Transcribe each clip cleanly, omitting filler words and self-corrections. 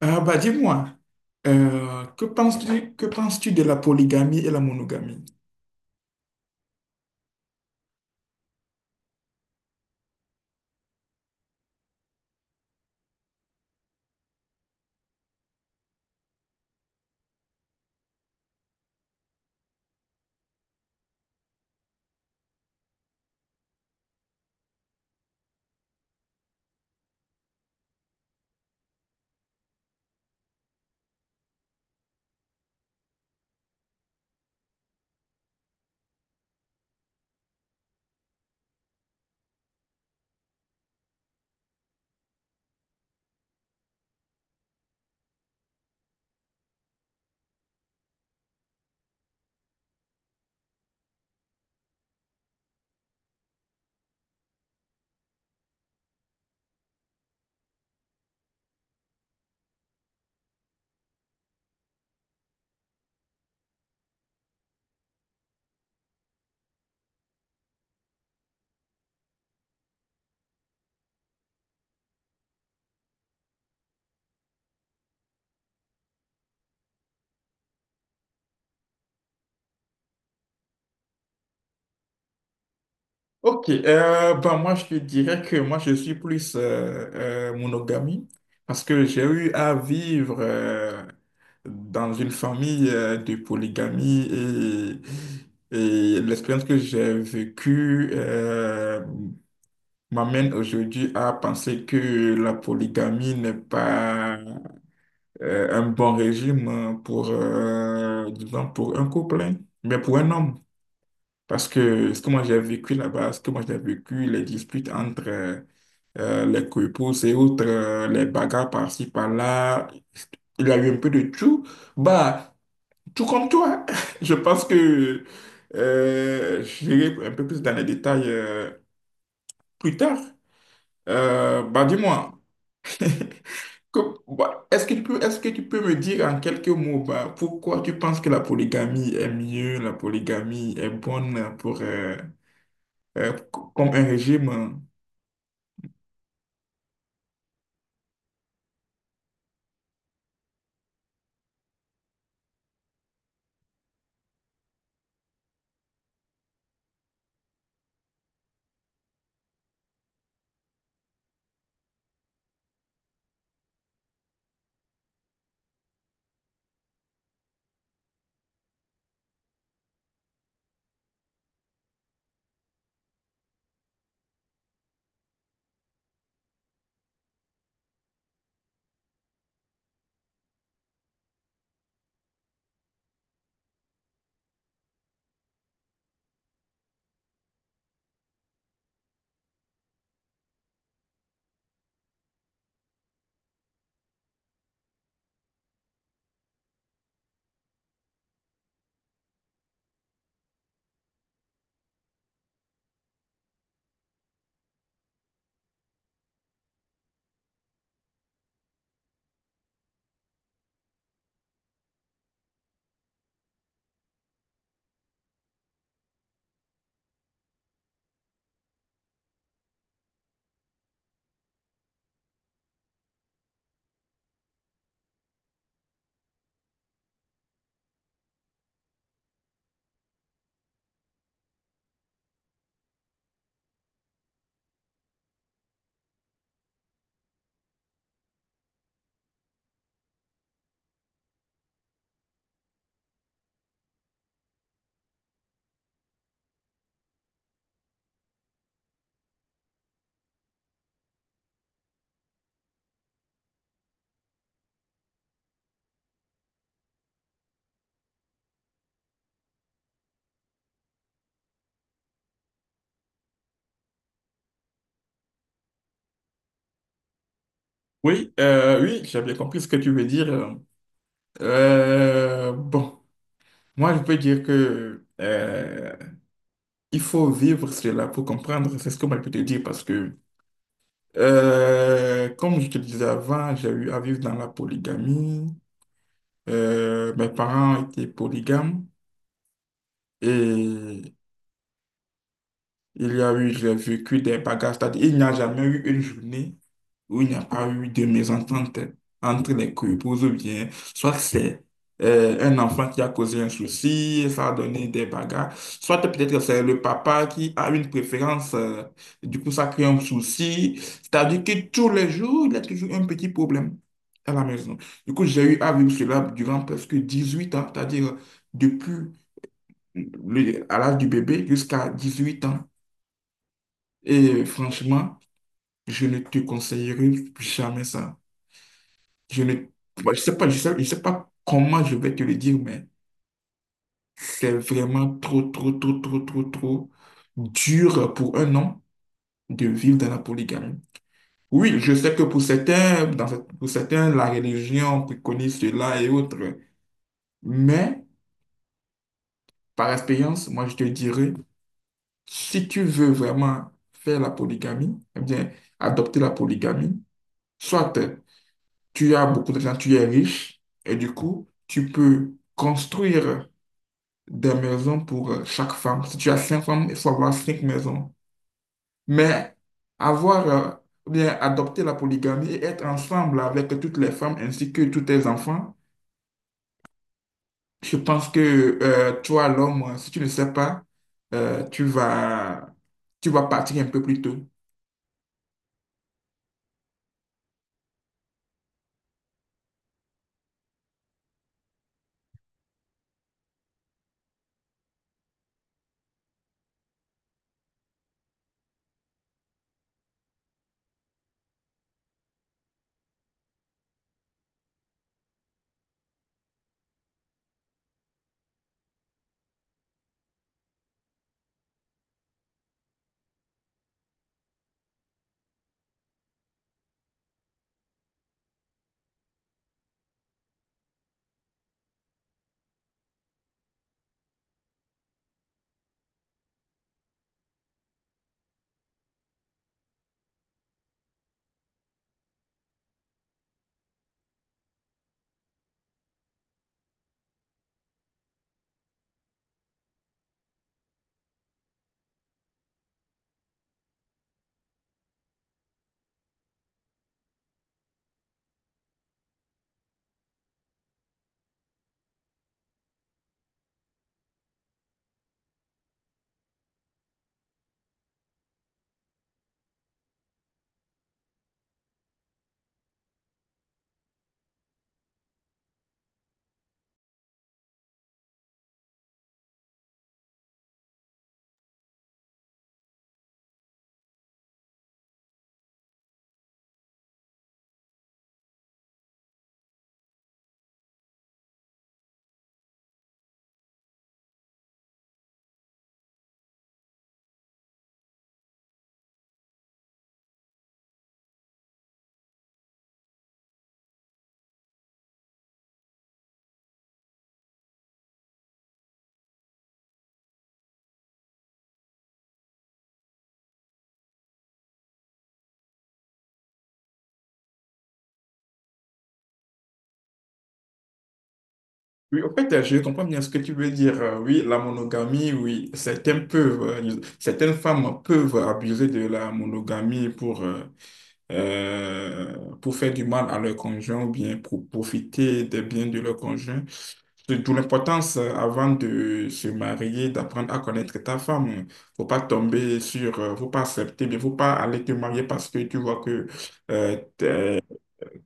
Ah bah dis-moi, que penses-tu, de la polygamie et la monogamie? Ok, bah moi je te dirais que moi je suis plus monogamie parce que j'ai eu à vivre dans une famille de polygamie et, et l'expérience que j'ai vécue m'amène aujourd'hui à penser que la polygamie n'est pas un bon régime pour, disons, pour un couple, hein, mais pour un homme. Parce que ce que moi j'ai vécu là-bas, ce que moi j'ai vécu, les disputes entre les couples et autres, les bagarres par-ci, par-là, il y a eu un peu de tout. Bah, tout comme toi. Je pense que j'irai un peu plus dans les détails plus tard. Bah, dis-moi, Que- bah, est-ce que tu peux, me dire en quelques mots, bah, pourquoi tu penses que la polygamie est mieux, la polygamie est bonne pour, euh, comme un régime? Oui, oui, j'ai bien compris ce que tu veux dire. Bon, moi je peux dire que il faut vivre cela pour comprendre, c'est ce que moi je peux te dire parce que, comme je te disais avant, j'ai eu à vivre dans la polygamie. Mes parents étaient polygames. Et il y a eu, j'ai vécu des bagarres. C'est-à-dire, il n'y a jamais eu une journée où il n'y a pas eu de mésentente entre les couples ou bien, soit c'est un enfant qui a causé un souci, et ça a donné des bagarres, soit peut-être que c'est le papa qui a une préférence, du coup ça crée un souci. C'est-à-dire que tous les jours, il y a toujours un petit problème à la maison. Du coup, j'ai eu à vivre cela durant presque 18 ans, c'est-à-dire depuis à l'âge du bébé jusqu'à 18 ans. Et franchement, je ne te conseillerais jamais ça. Je ne, moi, je sais pas, je sais pas comment je vais te le dire, mais c'est vraiment trop, trop, trop, trop, trop, trop dur pour un homme de vivre dans la polygamie. Oui, je sais que pour certains, pour certains, la religion préconise cela et autres, mais par expérience, moi, je te dirais si tu veux vraiment faire la polygamie, eh bien, adopter la polygamie, soit tu as beaucoup d'argent, tu es riche, et du coup, tu peux construire des maisons pour chaque femme. Si tu as cinq femmes, il faut avoir cinq maisons. Mais avoir, ou bien, adopter la polygamie et être ensemble avec toutes les femmes ainsi que tous tes enfants, je pense que toi, l'homme, si tu ne sais pas, euh, tu vas, tu vas partir un peu plus tôt. Oui, en fait, je comprends bien ce que tu veux dire. Oui, la monogamie, oui, certaines femmes peuvent abuser de la monogamie pour faire du mal à leur conjoint ou bien pour profiter des biens de leur conjoint. C'est d'où l'importance, avant de se marier, d'apprendre à connaître ta femme. Faut pas tomber sur, faut pas accepter, mais faut pas aller te marier parce que tu vois que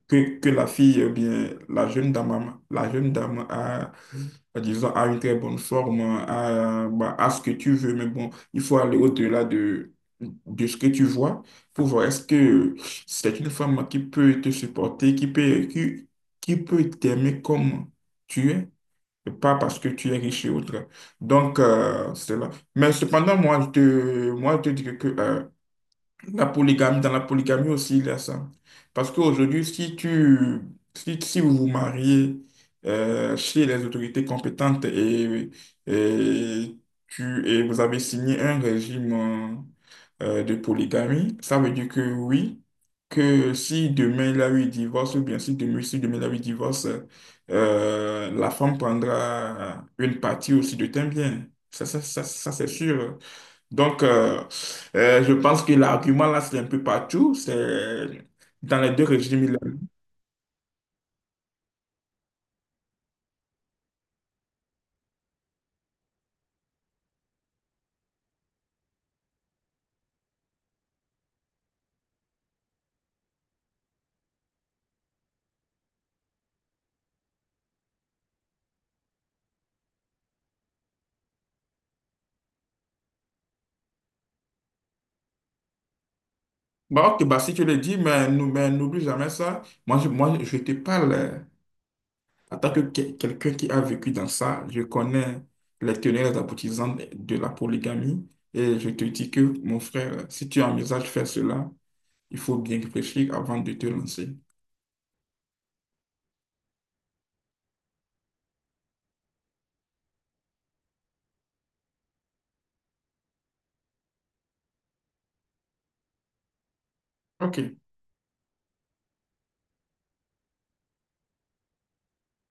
que la fille, eh bien, la jeune dame a, disons, a une très bonne forme, a, bah, a ce que tu veux, mais bon, il faut aller au-delà de ce que tu vois pour voir est-ce que c'est une femme qui peut te supporter, qui peut t'aimer comme tu es, et pas parce que tu es riche et autre. Donc, c'est là. Mais cependant, moi, je te dis que, la polygamie, dans la polygamie aussi, il y a ça. Parce qu'aujourd'hui, si tu, si, si vous vous mariez chez les autorités compétentes et et vous avez signé un régime de polygamie, ça veut dire que oui, que si demain il y a eu divorce, ou bien si demain il y a eu divorce, la femme prendra une partie aussi de tes biens. Ça c'est sûr. Donc, je pense que l'argument là, c'est un peu partout. C'est dans les deux régimes. Bon, ok, bah, si tu le dis, mais mais n'oublie jamais ça. Moi, je te parle en tant que quelqu'un qui a vécu dans ça. Je connais les tenants et les aboutissants de la polygamie. Et je te dis que, mon frère, si tu envisages de faire cela, il faut bien réfléchir avant de te lancer. Ok.